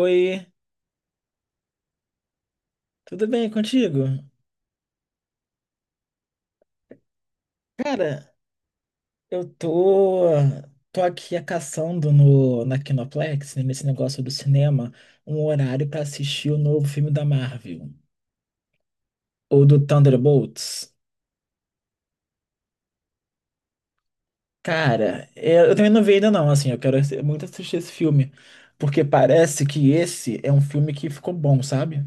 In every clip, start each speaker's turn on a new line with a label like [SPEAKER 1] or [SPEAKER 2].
[SPEAKER 1] Oi, tudo bem contigo? Cara, eu tô, tô aqui caçando no, na Kinoplex, né, nesse negócio do cinema, um horário pra assistir o novo filme da Marvel, ou do Thunderbolts. Cara, eu também não vi ainda não. Assim, eu quero muito assistir esse filme, porque parece que esse é um filme que ficou bom, sabe?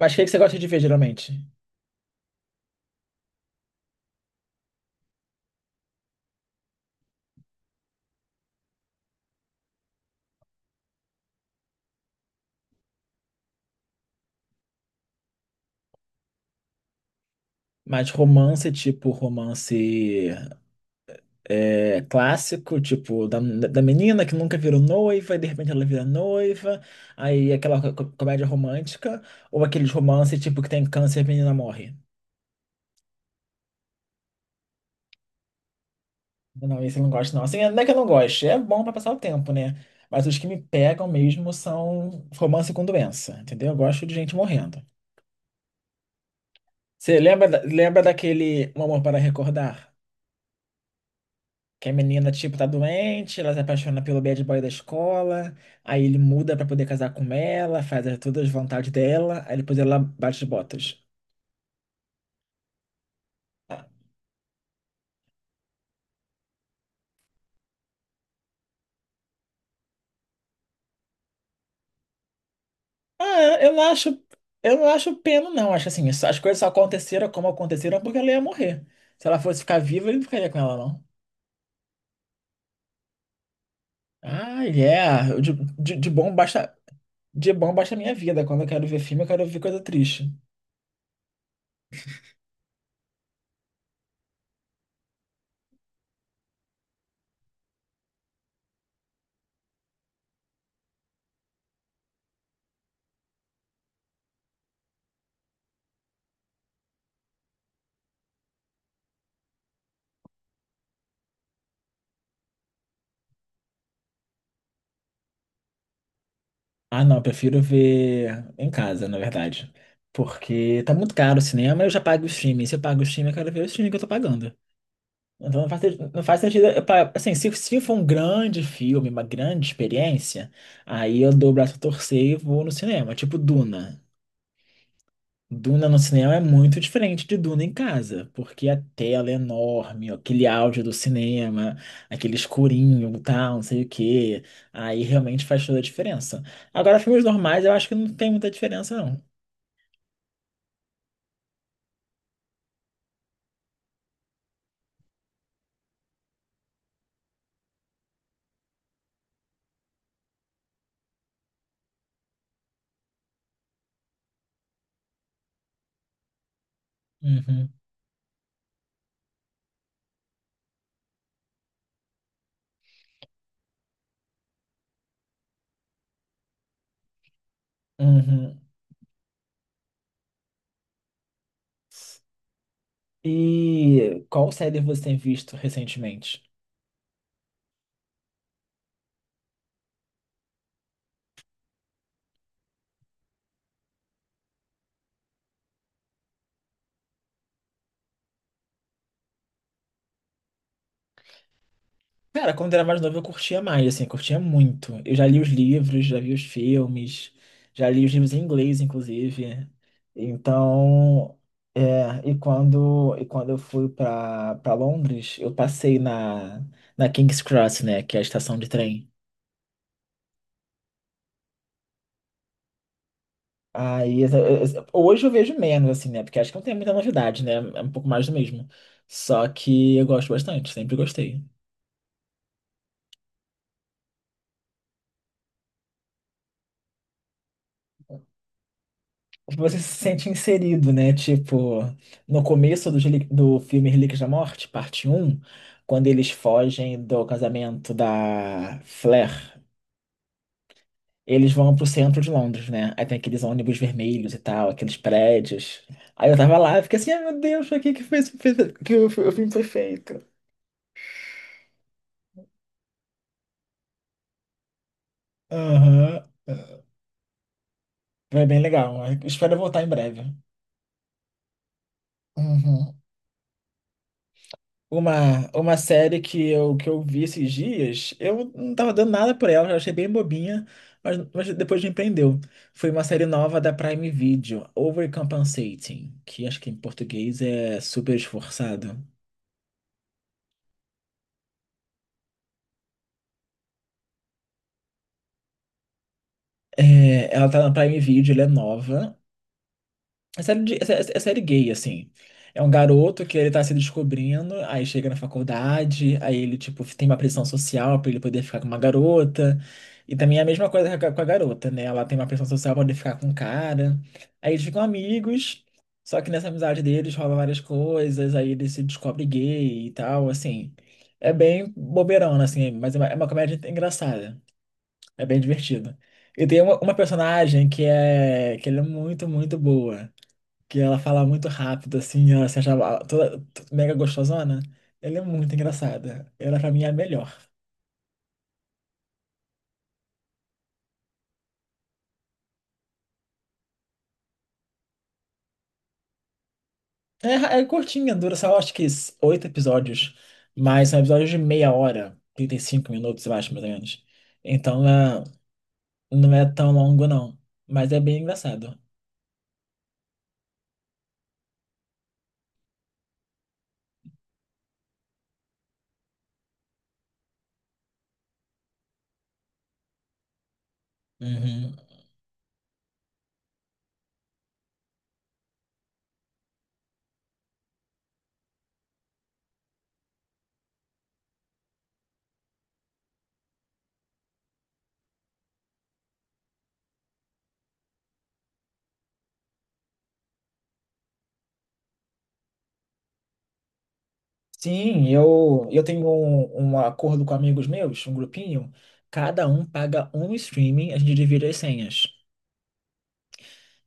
[SPEAKER 1] Mas o que é que você gosta de ver, geralmente? Mais romance, tipo romance clássico, tipo, da menina que nunca virou noiva e de repente ela vira noiva, aí aquela comédia romântica, ou aqueles romance tipo que tem câncer e a menina morre. Não, esse eu não gosto, não. Assim, não é que eu não goste, é bom pra passar o tempo, né? Mas os que me pegam mesmo são romance com doença, entendeu? Eu gosto de gente morrendo. Você lembra, lembra daquele Um Amor para Recordar? Que a menina, tipo, tá doente, ela se apaixona pelo bad boy da escola, aí ele muda pra poder casar com ela, faz todas as vontades dela, aí depois ela bate as botas. Ah, eu não acho pena, não. Acho assim, as coisas só aconteceram como aconteceram porque ela ia morrer. Se ela fosse ficar viva, ele não ficaria com ela, não. Ah, yeah. De bom basta a minha vida. Quando eu quero ver filme, eu quero ver coisa triste. Ah, não, eu prefiro ver em casa, na verdade. Porque tá muito caro o cinema, eu já pago o streaming. Se eu pago o streaming, eu quero ver o streaming que eu tô pagando. Então não faz sentido. Assim, se for um grande filme, uma grande experiência, aí eu dou o braço a torcer e vou no cinema, tipo Duna. Duna no cinema é muito diferente de Duna em casa, porque a tela é enorme, aquele áudio do cinema, aquele escurinho, tal, não sei o quê. Aí realmente faz toda a diferença. Agora, filmes normais, eu acho que não tem muita diferença, não. Uhum, uhum. E qual série você tem visto recentemente? Cara, quando era mais novo eu curtia mais, assim, eu curtia muito. Eu já li os livros, já vi os filmes, já li os livros em inglês, inclusive. Então, é, e quando eu fui para Londres, eu passei na King's Cross, né, que é a estação de trem. Aí, hoje eu vejo menos, assim, né, porque acho que não tem muita novidade, né, é um pouco mais do mesmo. Só que eu gosto bastante, sempre gostei. Você se sente inserido, né? Tipo, no começo do filme Relíquias da Morte, parte um, quando eles fogem do casamento da Flair, eles vão pro centro de Londres, né? Aí tem aqueles ônibus vermelhos e tal, aqueles prédios. Aí eu tava lá e fiquei assim, ai meu Deus, pra que que foi, esse- fez- que o, fi- o filme foi feito? Aham. Foi bem legal. Espero voltar em breve. Uhum. Uma série que que eu vi esses dias, eu não tava dando nada por ela, eu achei bem bobinha, mas depois me prendeu. Foi uma série nova da Prime Video, Overcompensating, que acho que em português é super esforçado. É, ela tá na Prime Video, ela é nova. É série, é série gay, assim. É um garoto que ele tá se descobrindo, aí chega na faculdade, aí ele, tipo, tem uma pressão social pra ele poder ficar com uma garota. E também é a mesma coisa com a garota, né? Ela tem uma pressão social pra poder ficar com um cara. Aí eles ficam amigos, só que nessa amizade deles rola várias coisas, aí ele se descobre gay e tal, assim. É bem bobeirona, assim, mas é uma comédia engraçada. É bem divertida. E tem uma personagem que ela é muito boa, que ela fala muito rápido, assim, ela se achava mega gostosona. Ela é muito engraçada. Ela, pra mim, é a melhor. É, é curtinha, dura só acho que 8 episódios, mas são episódios de meia hora, 35 minutos, eu acho, mais ou menos. Então é- não é tão longo, não, mas é bem engraçado. Uhum. Sim, eu tenho um acordo com amigos meus, um grupinho, cada um paga um streaming, a gente divide as senhas.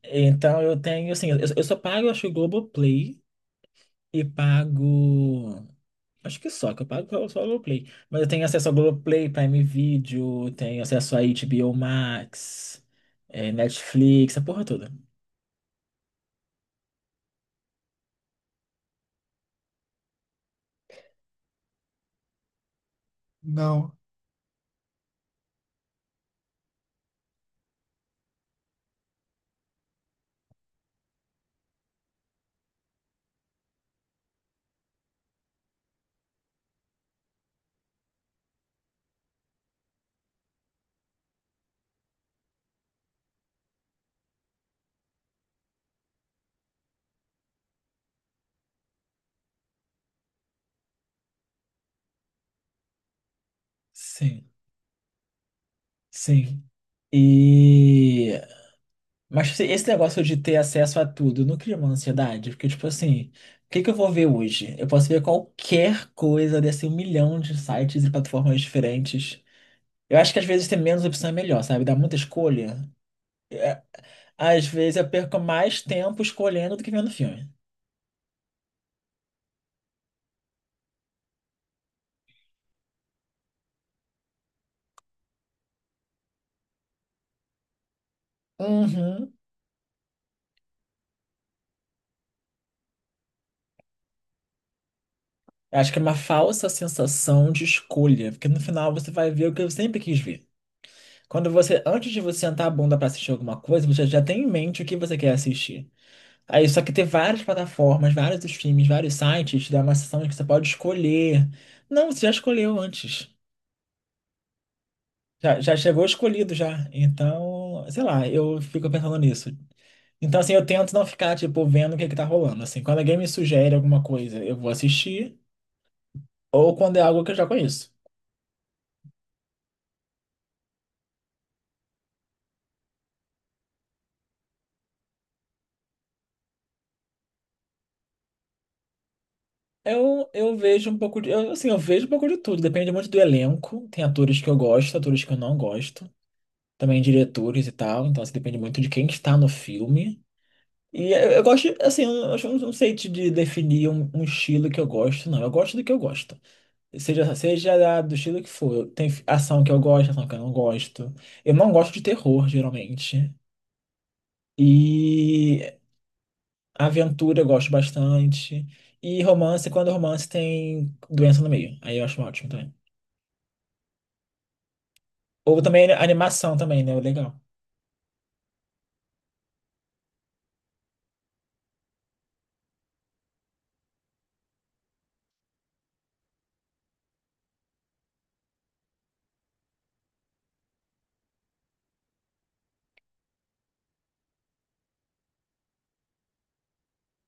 [SPEAKER 1] Então eu tenho, assim, eu só pago, acho, o Globoplay e pago. Acho que só, que eu pago só o Globoplay. Mas eu tenho acesso ao Globoplay, Prime Video, tenho acesso a HBO Max, Netflix, a porra toda. Não. Sim, sim. E. Mas assim, esse negócio de ter acesso a tudo não cria uma ansiedade? Porque, tipo assim, o que que eu vou ver hoje? Eu posso ver qualquer coisa desse um milhão de sites e plataformas diferentes. Eu acho que às vezes ter menos opção é melhor, sabe? Dá muita escolha. É, às vezes eu perco mais tempo escolhendo do que vendo filme. Uhum. Eu acho que é uma falsa sensação de escolha, porque no final você vai ver o que eu sempre quis ver. Quando você, antes de você sentar a bunda pra assistir alguma coisa, você já tem em mente o que você quer assistir. Aí, só que ter várias plataformas, vários streams, vários sites, te dá uma sensação de que você pode escolher. Não, você já escolheu antes. Já chegou escolhido já. Então, sei lá, eu fico pensando nisso. Então, assim, eu tento não ficar, tipo, vendo o que é que tá rolando. Assim, quando alguém me sugere alguma coisa, eu vou assistir, ou quando é algo que eu já conheço. Eu vejo um pouco assim, eu vejo um pouco de tudo, depende muito do elenco. Tem atores que eu gosto, atores que eu não gosto, também diretores e tal, então assim, depende muito de quem está no filme. E eu gosto, assim, eu não sei te de definir um estilo que eu gosto, não. Eu gosto do que eu gosto. Seja do estilo que for. Tem ação que eu gosto, ação que eu não gosto. Eu não gosto de terror, geralmente. E aventura eu gosto bastante. E romance, quando romance tem doença no meio. Aí eu acho ótimo também. Ou também animação também, né? Legal.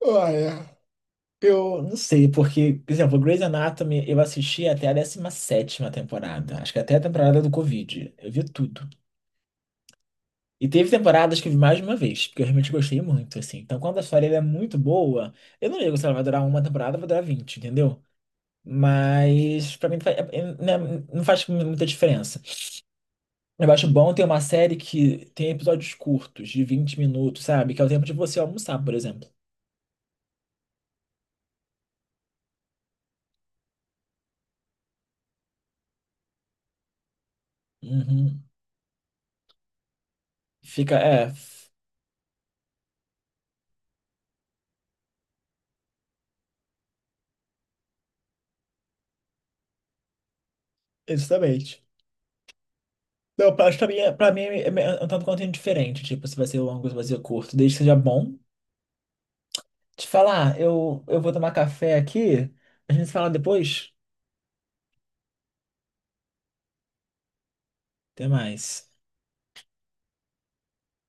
[SPEAKER 1] Ah, é. Eu não sei, porque, por exemplo, Grey's Anatomy eu assisti até a 17ª temporada. Acho que até a temporada do Covid. Eu vi tudo. E teve temporadas que eu vi mais de uma vez, porque eu realmente gostei muito, assim. Então, quando a história ela é muito boa, eu não ligo se ela vai durar uma temporada, vai durar 20, entendeu? Mas, pra mim, né, não faz muita diferença. Eu acho bom ter uma série que tem episódios curtos, de 20 minutos, sabe? Que é o tempo de você almoçar, por exemplo. Uhum. Fica, é, exatamente. Não, pra, acho que pra mim, pra mim é é um tanto quanto indiferente. Tipo, se vai ser longo, se vai ser curto, desde que seja bom. Te falar, eu vou tomar café aqui, a gente se fala depois. Até mais.